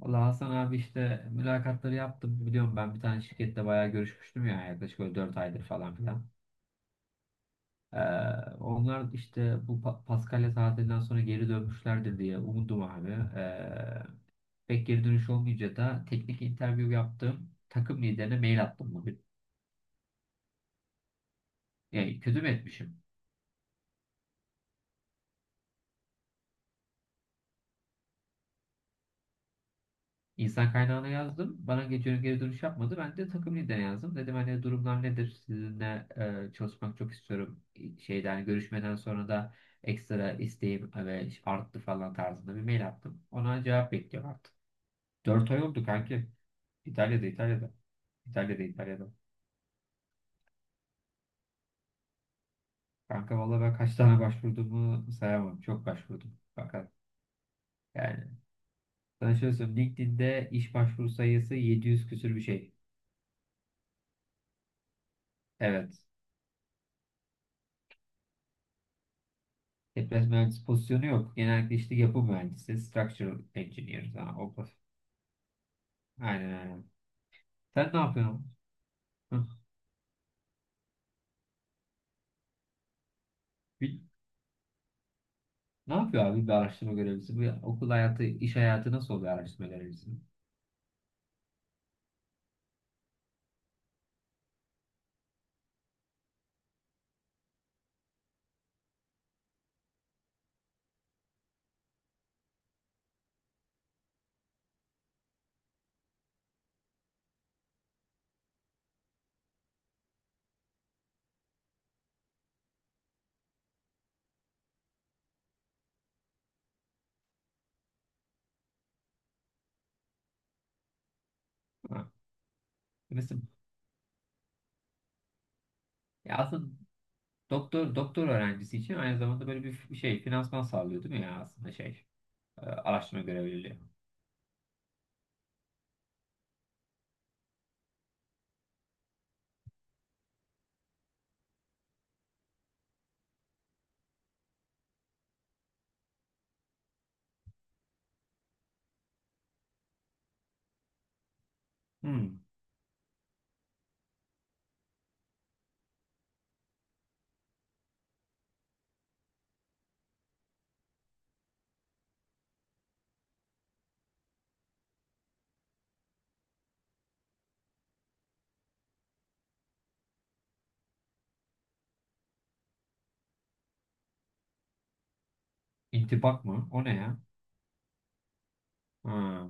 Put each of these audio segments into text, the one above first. Valla Hasan abi işte mülakatları yaptım. Biliyorum ben bir tane şirkette bayağı görüşmüştüm ya yaklaşık böyle 4 aydır falan filan. Ee, Onlar işte bu Paskalya tatilinden sonra geri dönmüşlerdir diye umudum abi. Ee, Pek geri dönüş olmayınca da teknik interview yaptım. Takım liderine mail attım bugün. Yani kötü mü etmişim? İnsan kaynağına yazdım. Bana geçiyorum geri dönüş yapmadı. Ben de takım liderine yazdım. Dedim hani durumlar nedir? Sizinle çalışmak çok istiyorum. Şeyden görüşmeden sonra da ekstra isteğim ve arttı falan tarzında bir mail attım. Ona cevap bekliyorum artık. 4 ay oldu kanki. İtalya'da, İtalya'da. İtalya'da, İtalya'da. Kanka valla ben kaç tane başvurduğumu sayamam. Çok başvurdum. Fakat yani sana şöyle söyleyeyim. LinkedIn'de iş başvuru sayısı 700 küsür bir şey. Evet. Deprem mühendisi pozisyonu yok. Genellikle işte yapı mühendisi, structural engineer. Ha, o, aynen aynen. Sen ne yapıyorsun? Hı. Bir- Ne yapıyor abi bir araştırma görevlisi? Bu okul hayatı, iş hayatı nasıl oluyor araştırma görevlisi? Ha. Mesela ya aslında doktor öğrencisi için aynı zamanda böyle bir şey finansman sağlıyor değil mi ya aslında şey araştırma görevliliği. Hmm. İntibak mı? O ne ya? Ha.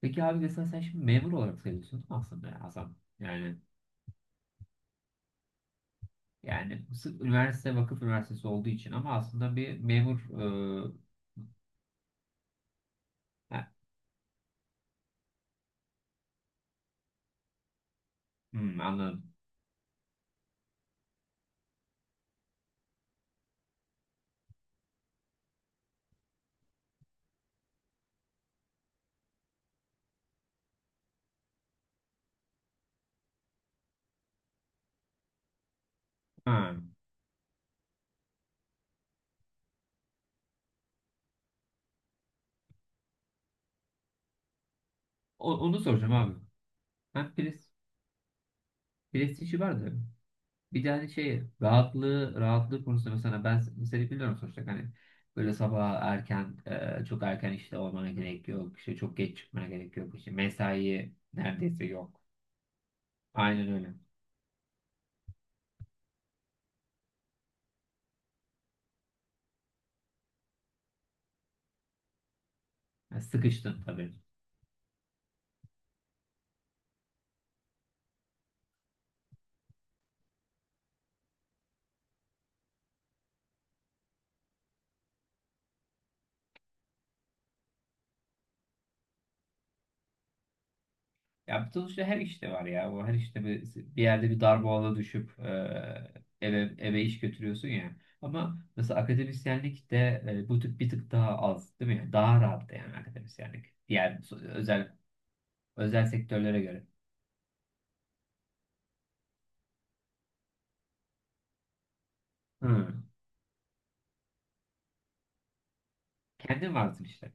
Peki abi mesela sen şimdi memur olarak sayılıyorsun değil mi aslında ya Hasan. Yani yani sırf üniversite vakıf üniversitesi olduğu için ama aslında bir memur e, ha, hmm, anladım. Ha. Onu soracağım abi. Hem pres, Prestiji vardı. Bir de hani şey rahatlığı konusunda mesela ben seni biliyorum sonuçta hani böyle sabah erken çok erken işte olmana gerek yok. İşte çok geç çıkmana gerek yok. İşte mesai neredeyse yok. Aynen öyle. Yani sıkıştın tabii. Ya bu sonuçta her işte var ya. Bu her işte bir yerde bir darboğaza düşüp eve iş götürüyorsun ya. Ama mesela akademisyenlik de bu tip bir tık daha az değil mi? Yani daha rahat da yani akademisyenlik. Diğer özel sektörlere göre. Hı. Kendin varsın işte.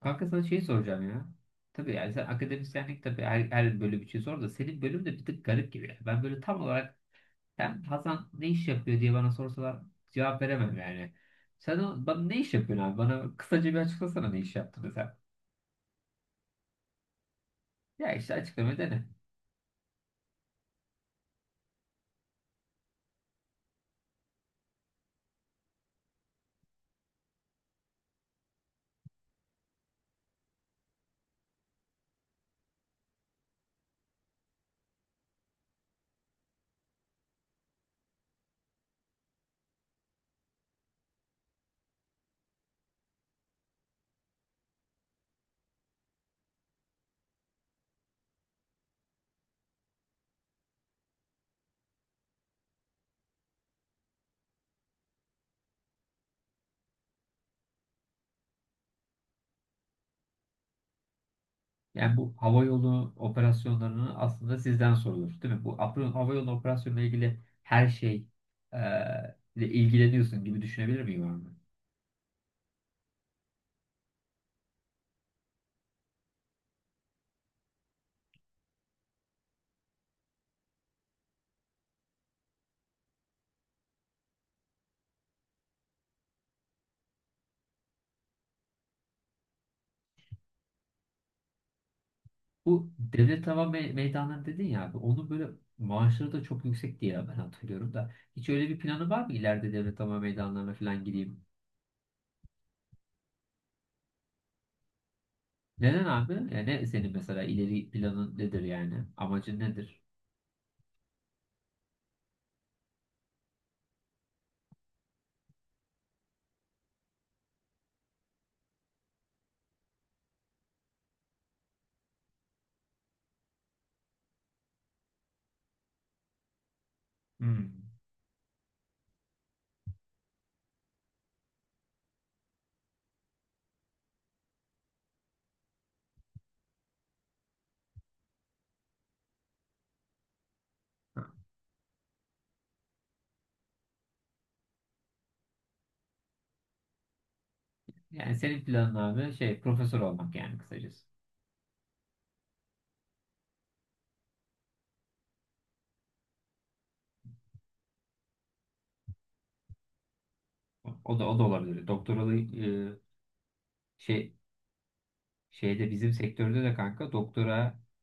Kanka sana şey soracağım ya. Tabii yani sen akademisyenlik tabii her bölüm için sor da senin bölüm de bir tık garip gibi. Yani ben böyle tam olarak ben Hasan ne iş yapıyor diye bana sorsalar cevap veremem yani. Sen bana ne iş yapıyorsun abi? Bana kısaca bir açıklasana ne iş yaptığını sen. Ya işte açıklama dene. Yani bu hava yolu operasyonlarını aslında sizden sorulur, değil mi? Bu hava yolu operasyonuyla ilgili her şey e, ile ilgileniyorsun gibi düşünebilir miyim abi? Bu devlet hava meydanları dedin ya abi, onun böyle maaşları da çok yüksek diye ben hatırlıyorum da. Hiç öyle bir planı var mı ileride devlet hava meydanlarına falan gideyim? Neden abi? Yani ne senin mesela ileri planın nedir yani? Amacın nedir? Hmm. Ha. Yani senin planın abi şey profesör olmak yani kısacası. O da O da olabilir. Doktoralı şey şeyde bizim sektörde de kanka doktorayı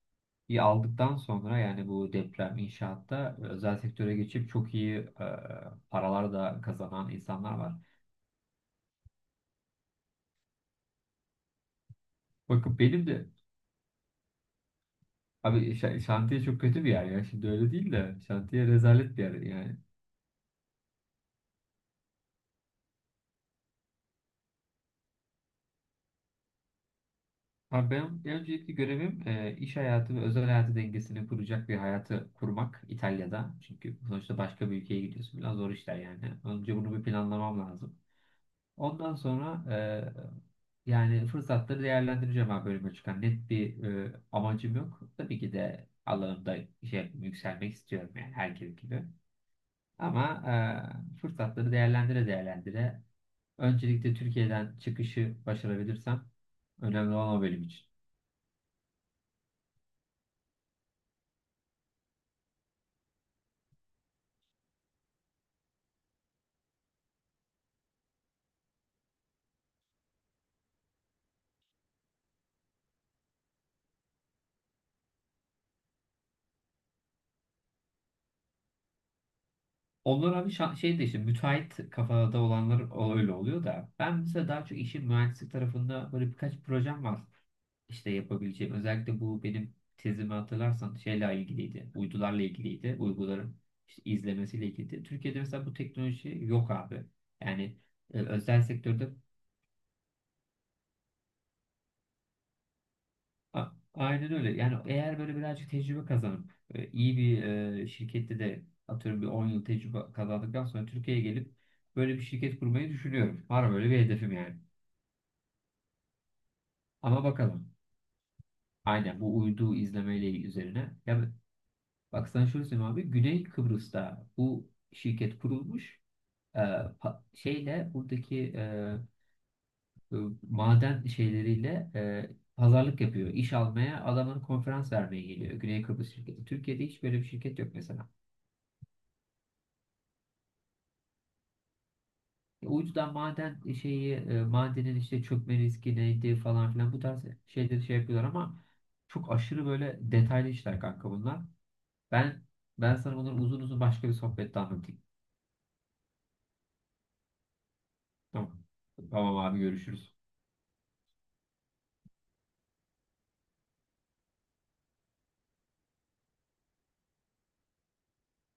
aldıktan sonra yani bu deprem inşaatta özel sektöre geçip çok iyi paralar da kazanan insanlar var. Bakın benim de abi şantiye çok kötü bir yer ya. Şimdi öyle değil de şantiye rezalet bir yer yani. Abi benim en öncelikli görevim iş hayatı ve özel hayatı dengesini kuracak bir hayatı kurmak İtalya'da. Çünkü sonuçta başka bir ülkeye gidiyorsun. Biraz zor işler yani. Önce bunu bir planlamam lazım. Ondan sonra yani fırsatları değerlendireceğim abi bölüme çıkan. Net bir amacım yok. Tabii ki de alanımda şey, yükselmek istiyorum yani herkes gibi. Ama fırsatları değerlendire öncelikle Türkiye'den çıkışı başarabilirsem önemli olan o bölüm için. Onlar abi şey de işte müteahhit kafada olanlar öyle oluyor da ben mesela daha çok işin mühendislik tarafında böyle birkaç projem var işte yapabileceğim. Özellikle bu benim tezimi hatırlarsan şeyle ilgiliydi. Uydularla ilgiliydi. Uyguların işte izlemesiyle ilgiliydi. Türkiye'de mesela bu teknoloji yok abi. Yani özel sektörde aynen öyle. Yani eğer böyle birazcık tecrübe kazanıp iyi bir şirkette de atıyorum bir 10 yıl tecrübe kazandıktan sonra Türkiye'ye gelip böyle bir şirket kurmayı düşünüyorum. Var böyle bir hedefim yani. Ama bakalım. Aynen bu uydu izlemeyle üzerine. Ya ben- Bak sana şöyle söyleyeyim abi. Güney Kıbrıs'ta bu şirket kurulmuş. E, şeyle buradaki e, maden şeyleriyle pazarlık yapıyor. İş almaya adamın konferans vermeye geliyor. Güney Kıbrıs şirketi. Türkiye'de hiç böyle bir şirket yok mesela. Uydudan maden şeyi madenin işte çökme riski neydi falan filan bu tarz şeyleri şey yapıyorlar ama çok aşırı böyle detaylı işler kanka bunlar. Ben Ben sana bunları uzun uzun başka bir sohbette anlatayım. Tamam. Tamam abi görüşürüz.